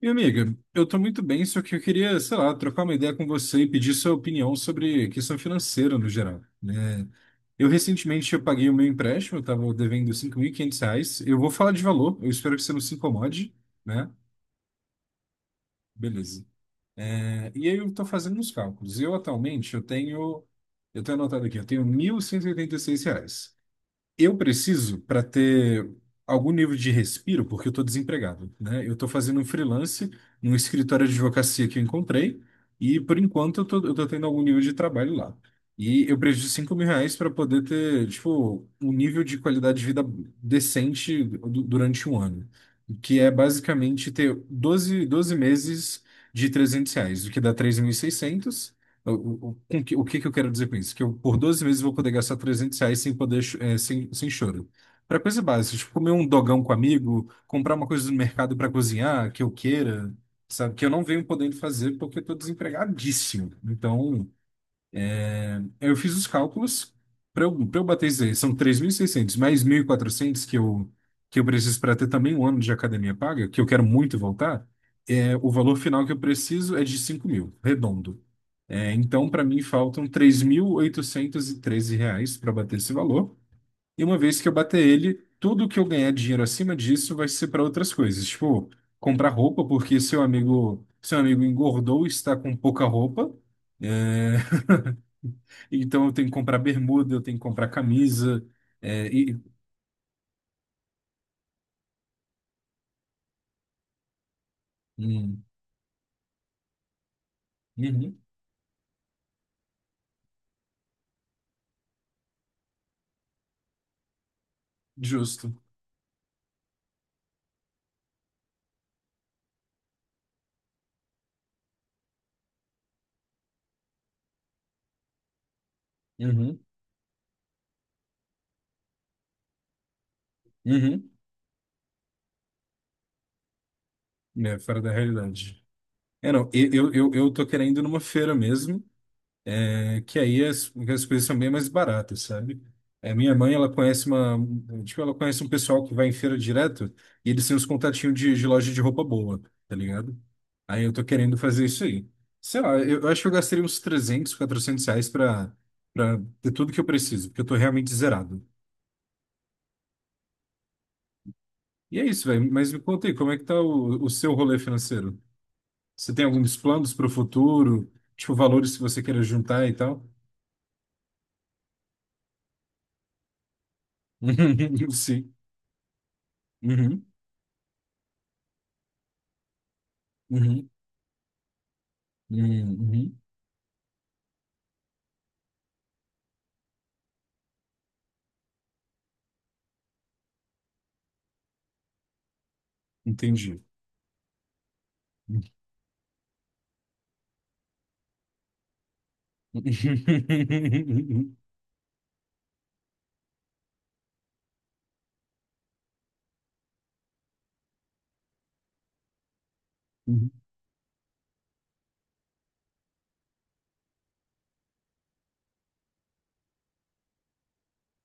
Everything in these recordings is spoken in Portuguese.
E amiga, eu tô muito bem, só que eu queria, sei lá, trocar uma ideia com você e pedir sua opinião sobre questão financeira no geral, né? Eu recentemente eu paguei o meu empréstimo, eu tava devendo R$ 5.500. Eu vou falar de valor, eu espero que você não se incomode, né? Beleza. É, e aí eu tô fazendo uns cálculos. Eu atualmente eu tenho anotado aqui, eu tenho mil cento e oitenta e seis reais. Eu preciso para ter algum nível de respiro, porque eu estou desempregado, né? Eu estou fazendo um freelance num escritório de advocacia que eu encontrei e, por enquanto, eu tô tendo algum nível de trabalho lá. E eu preciso de 5 mil reais para poder ter, tipo, um nível de qualidade de vida decente durante 1 ano, que é basicamente ter doze meses de R$ 300, o que dá 3.600. O que que eu quero dizer com isso? Que eu, por 12 meses, vou poder gastar R$ 300 sem poder, sem choro. Para coisa básica, tipo, comer um dogão com amigo, comprar uma coisa no mercado para cozinhar, que eu queira, sabe? Que eu não venho podendo fazer porque eu tô desempregadíssimo. Então, eu fiz os cálculos para eu bater isso aí. São 3.600 mais 1.400 que eu preciso para ter também um ano de academia paga, que eu quero muito voltar. É, o valor final que eu preciso é de 5 mil, redondo. É, então, para mim, faltam R$ 3.813 para bater esse valor. E uma vez que eu bater ele, tudo que eu ganhar dinheiro acima disso vai ser para outras coisas. Tipo, comprar roupa, porque seu amigo engordou e está com pouca roupa. É, então, eu tenho que comprar bermuda, eu tenho que comprar camisa. É, e, hum, uhum, justo. Uhum, uhum. É, fora da realidade. É, não, eu tô querendo ir numa feira mesmo. É que aí as coisas são bem mais baratas, sabe? É, minha mãe, ela conhece uma, tipo, ela conhece um pessoal que vai em feira direto e eles têm uns contatinhos de loja de roupa boa, tá ligado? Aí eu tô querendo fazer isso aí. Sei lá, eu acho que eu gastaria uns R$ 300 R$ 400 pra, pra ter tudo que eu preciso, porque eu tô realmente zerado. E é isso, velho. Mas me conta aí, como é que tá o seu rolê financeiro? Você tem alguns planos pro futuro? Tipo, valores que você queira juntar e tal? Sim. Uhum. Uhum. Uhum. Entendi. Uhum.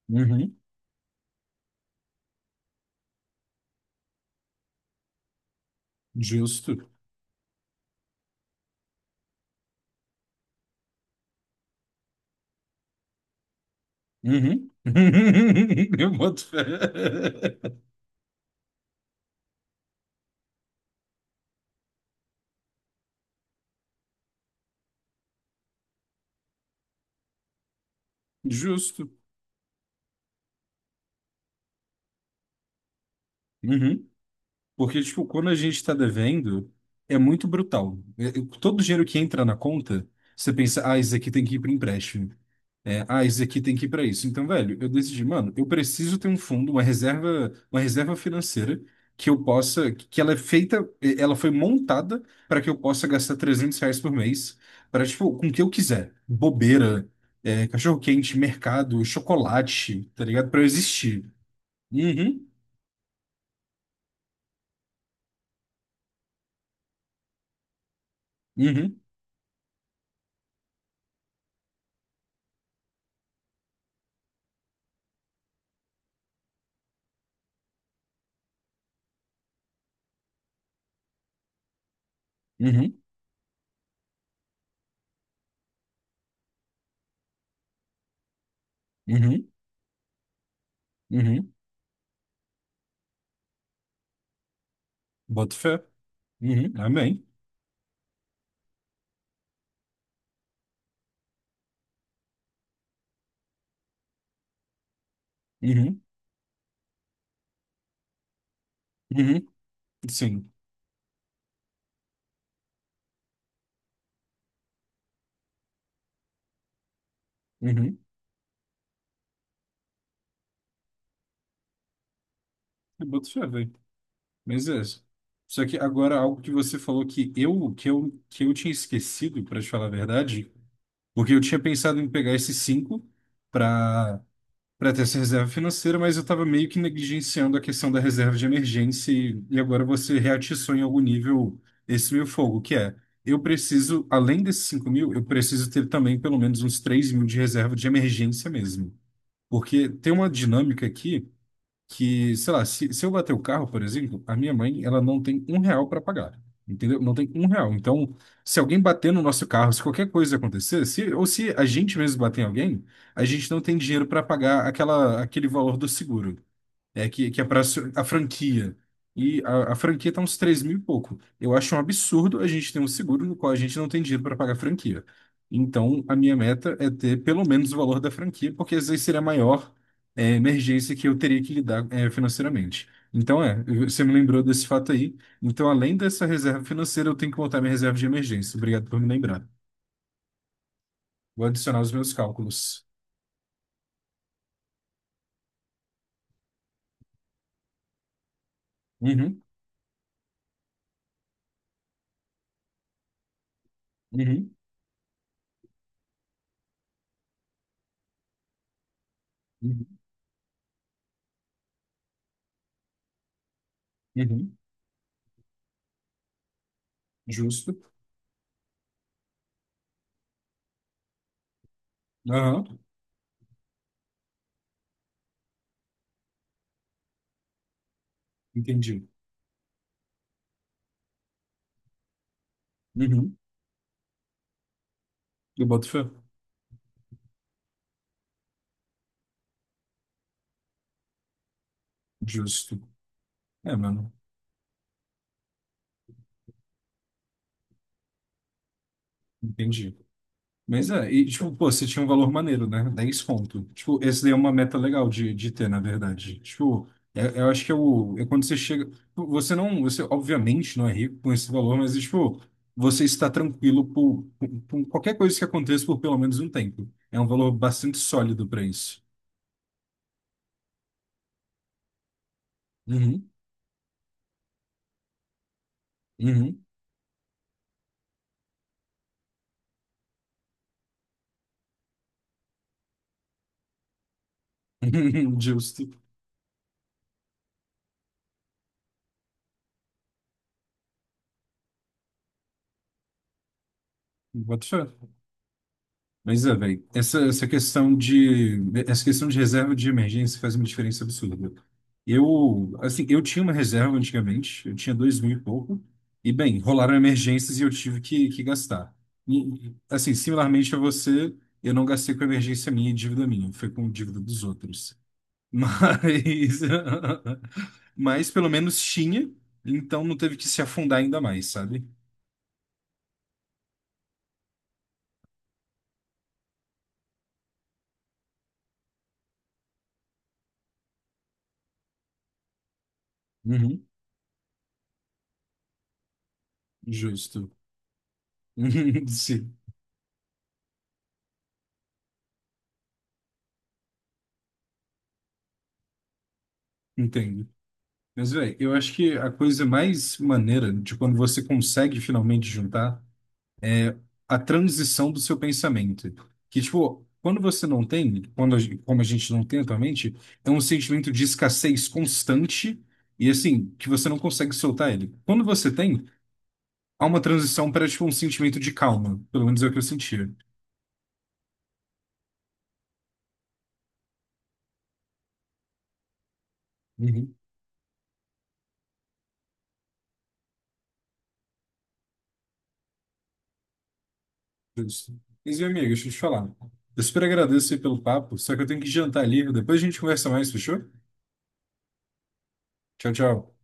Uhum. Justo. Uhum. Eu boto fé. Justo. Uhum. Porque, tipo, quando a gente está devendo, é muito brutal. Todo dinheiro que entra na conta, você pensa, ah, isso aqui tem que ir para empréstimo. É, ah, esse aqui tem que ir para isso. Então, velho, eu decidi, mano, eu preciso ter um fundo, uma reserva financeira que eu possa, que ela é feita, ela foi montada para que eu possa gastar R$ 300 por mês para, tipo, com o que eu quiser. Bobeira, é, cachorro-quente, mercado, chocolate, tá ligado? Para eu existir. Uhum, uhum, uhum, uhum, uhum. Boto fé. Uhum, amém. Uhum, uhum, sim. Uhum. Eu boto fé, velho. Mas é isso. Só que agora algo que você falou que eu tinha esquecido, para te falar a verdade, porque eu tinha pensado em pegar esses cinco para para ter essa reserva financeira, mas eu estava meio que negligenciando a questão da reserva de emergência e agora você reatiçou em algum nível esse meu fogo, que é eu preciso, além desses 5 mil, eu preciso ter também pelo menos uns 3 mil de reserva de emergência mesmo. Porque tem uma dinâmica aqui que, sei lá, se eu bater o carro, por exemplo, a minha mãe, ela não tem um real para pagar, entendeu? Não tem um real. Então, se alguém bater no nosso carro, se qualquer coisa acontecer, se, ou se a gente mesmo bater em alguém, a gente não tem dinheiro para pagar aquela, aquele valor do seguro. É, que é para a franquia. E a franquia tá uns 3 mil e pouco. Eu acho um absurdo a gente ter um seguro no qual a gente não tem dinheiro para pagar a franquia. Então, a minha meta é ter pelo menos o valor da franquia, porque às vezes seria a maior, emergência que eu teria que lidar, é, financeiramente. Então, você me lembrou desse fato aí. Então, além dessa reserva financeira, eu tenho que montar minha reserva de emergência. Obrigado por me lembrar. Vou adicionar os meus cálculos. Uhum, uhum, uhum, uhum. Justo. Aham, entendi. Uhum. Eu boto fé. Justo. É, mano. Entendi. Mas é, e tipo, pô, você tinha um valor maneiro, né? 10 conto. Tipo, esse daí é uma meta legal de ter, na verdade. Tipo, eu acho que é o. É quando você chega. Você não. Você, obviamente, não é rico com esse valor, mas, tipo, você está tranquilo por qualquer coisa que aconteça por pelo menos um tempo. É um valor bastante sólido para isso. Uhum. Uhum. Justo. Boto fé. Mas é, velho, essa questão de reserva de emergência faz uma diferença absurda. Eu, assim, eu tinha uma reserva antigamente, eu tinha 2 mil e pouco, e bem, rolaram emergências e eu tive que gastar. E, assim, similarmente a você, eu não gastei com emergência minha e dívida minha, foi com dívida dos outros. Mas, mas pelo menos tinha, então não teve que se afundar ainda mais, sabe? Uhum, justo. Sim, entendo. Mas, velho, eu acho que a coisa mais maneira de quando você consegue finalmente juntar a transição do seu pensamento. Que, tipo, quando você não tem, quando a como a gente não tem atualmente, é um sentimento de escassez constante e, assim, que você não consegue soltar ele. Quando você tem, há uma transição para, tipo, um sentimento de calma. Pelo menos é o que eu sentia. Uhum. Justo. Mas, meu amigo, deixa eu te falar. Eu super agradeço aí pelo papo, só que eu tenho que jantar ali. Depois a gente conversa mais, fechou? Tchau, tchau.